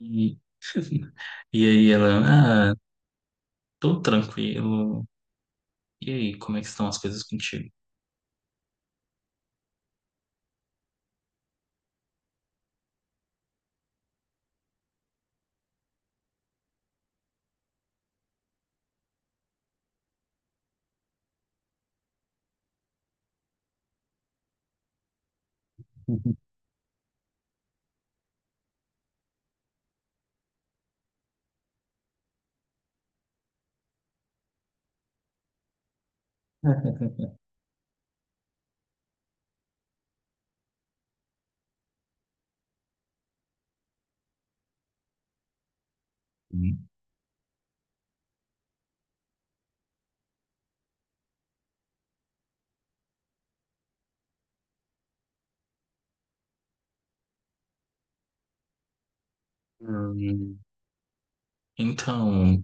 E, e aí ela, tô tranquilo. E aí, como é que estão as coisas contigo? Hum. Então,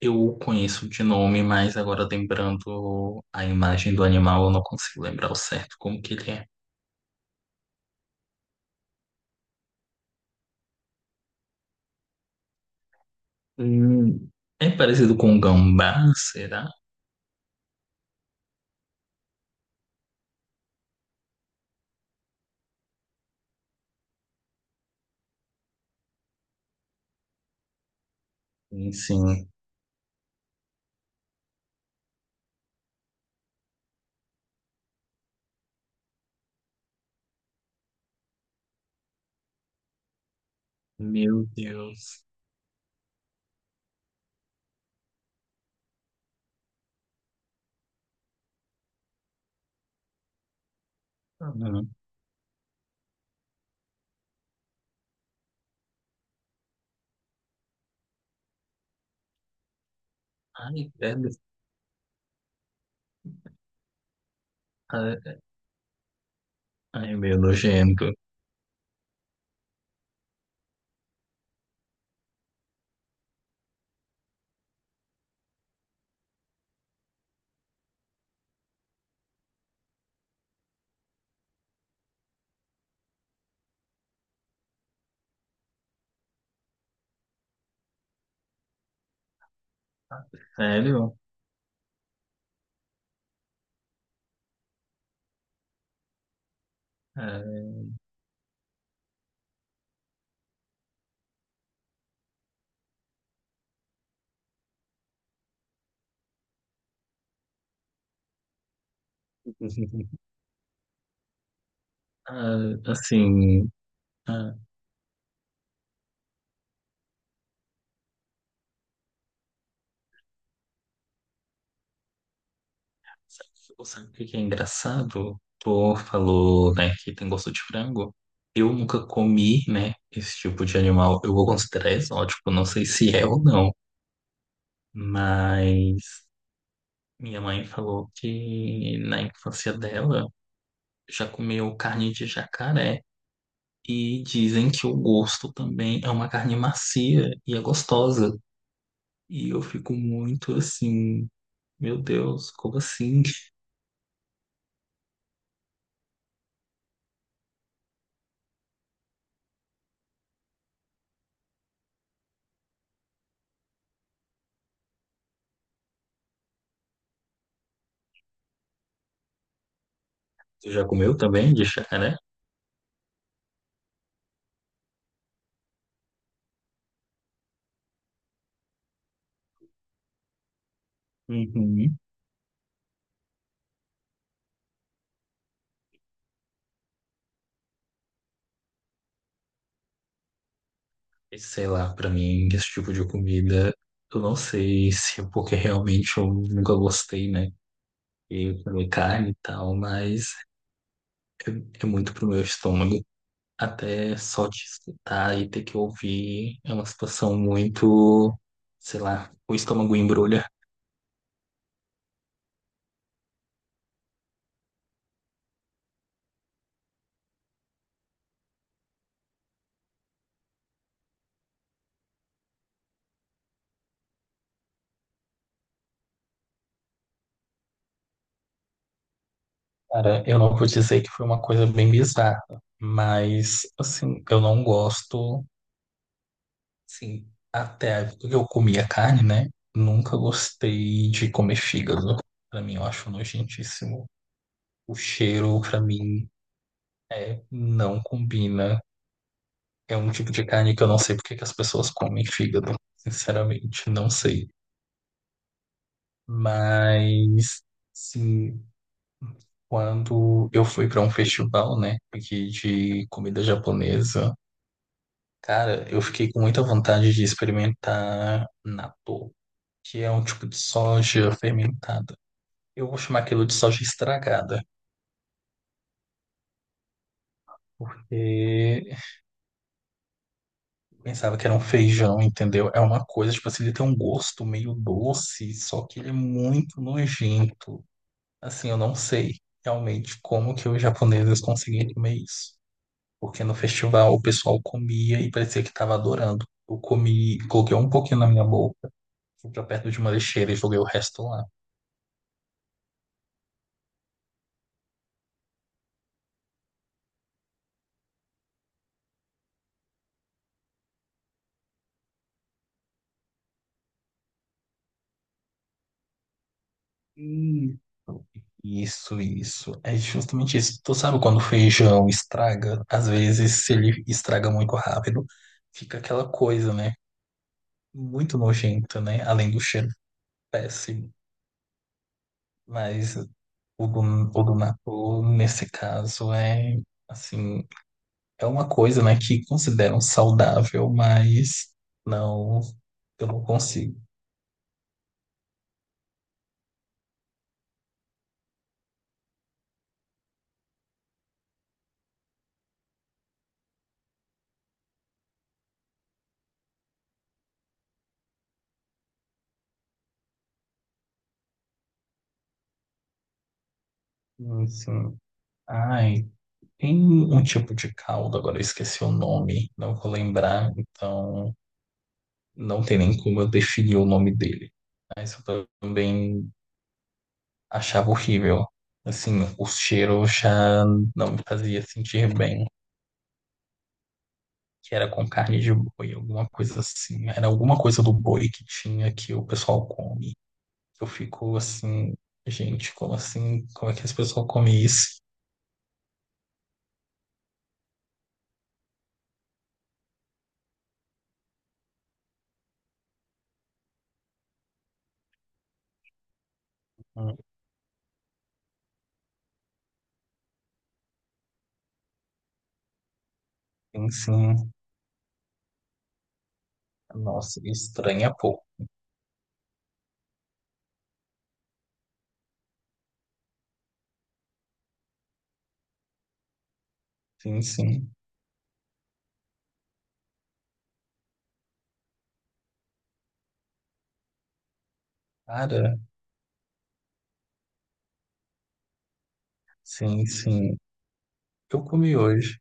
eu conheço de nome, mas agora lembrando a imagem do animal, eu não consigo lembrar o certo como que ele é. Hum, É parecido com um gambá, será? Sim, sim. Meu Deus. Uhum. Ai, velho. Ai, ai, meu nojento. Sério? É. Ah, assim, ah, sabe, sabe o que que é engraçado? Tu falou, né, que tem gosto de frango. Eu nunca comi, né, esse tipo de animal. Eu vou considerar exótico, não sei se é ou não. Mas minha mãe falou que na infância dela já comeu carne de jacaré. E dizem que o gosto também é uma carne macia e é gostosa. E eu fico muito assim, meu Deus, como assim? Tu já comeu também de chá? Uhum. E sei lá, pra mim, esse tipo de comida, eu não sei se é porque realmente eu nunca gostei, né? Eu comi carne e tal, mas é, é muito pro meu estômago. Até só te escutar e ter que ouvir é uma situação muito, sei lá, o estômago embrulha. Cara, eu não vou dizer que foi uma coisa bem bizarra, mas, assim, eu não gosto. Sim, até a época que eu comia carne, né? Nunca gostei de comer fígado. Pra mim, eu acho nojentíssimo. O cheiro, pra mim, é, não combina. É um tipo de carne que eu não sei porque que as pessoas comem fígado. Sinceramente, não sei. Mas, sim, quando eu fui pra um festival, né, aqui de comida japonesa, cara, eu fiquei com muita vontade de experimentar natto, que é um tipo de soja fermentada. Eu vou chamar aquilo de soja estragada, porque eu pensava que era um feijão, entendeu? É uma coisa, tipo assim, ele tem um gosto meio doce, só que ele é muito nojento. Assim, eu não sei realmente como que os japoneses conseguiam comer isso. Porque no festival o pessoal comia e parecia que estava adorando. Eu comi, coloquei um pouquinho na minha boca, fui pra perto de uma lixeira e joguei o resto lá. Isso, isso. É justamente isso. Tu sabe quando o feijão estraga? Às vezes, se ele estraga muito rápido, fica aquela coisa, né? Muito nojenta, né? Além do cheiro péssimo. Mas o do, o do natô, nesse caso, é assim, é uma coisa, né, que consideram saudável, mas não, eu não consigo. Sim. Ai, tem um tipo de caldo, agora eu esqueci o nome, não vou lembrar, então. Não tem nem como eu definir o nome dele. Mas eu também achava horrível. Assim, o cheiro já não me fazia sentir bem. Que era com carne de boi, alguma coisa assim. Era alguma coisa do boi que tinha que o pessoal come. Eu fico assim, gente, como assim? Como é que as pessoas comem isso? Hum. Sim, sim. Nossa, estranha pouco. Sim, sim. Cara, sim, sim. Eu comi hoje.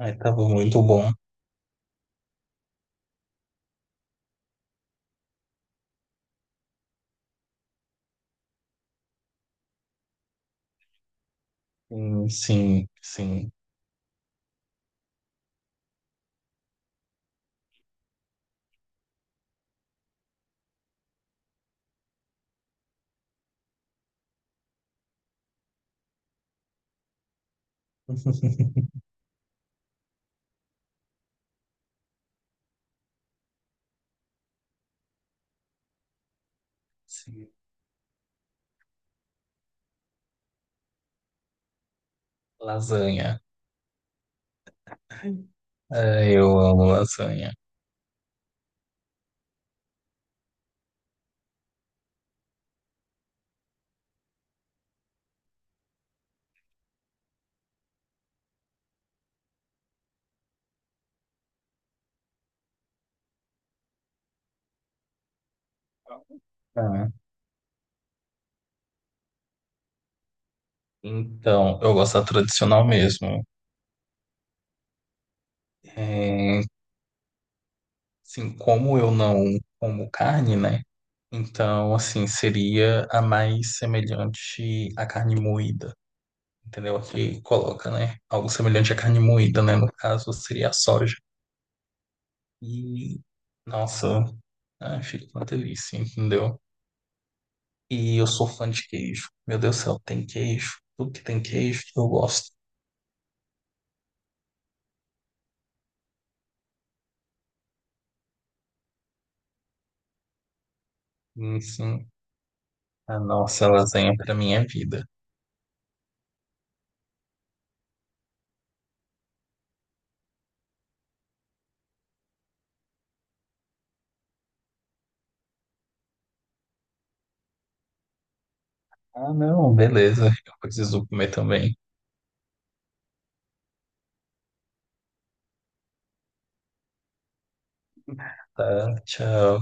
Ai, tava muito bom. Sim, sim, sim. Sim, lasanha. É, eu amo lasanha. Ah, então, eu gosto da tradicional mesmo. É, assim, como eu não como carne, né? Então, assim, seria a mais semelhante à carne moída, entendeu? Que coloca, né? Algo semelhante à carne moída, né? No caso, seria a soja. E, nossa, ah, fica uma delícia, entendeu? E eu sou fã de queijo. Meu Deus do céu, tem queijo. Tudo que tem queijo, eu gosto. Enfim, a nossa lasanha pra minha vida. Ah, não, beleza. Eu preciso comer também. Tá, tchau.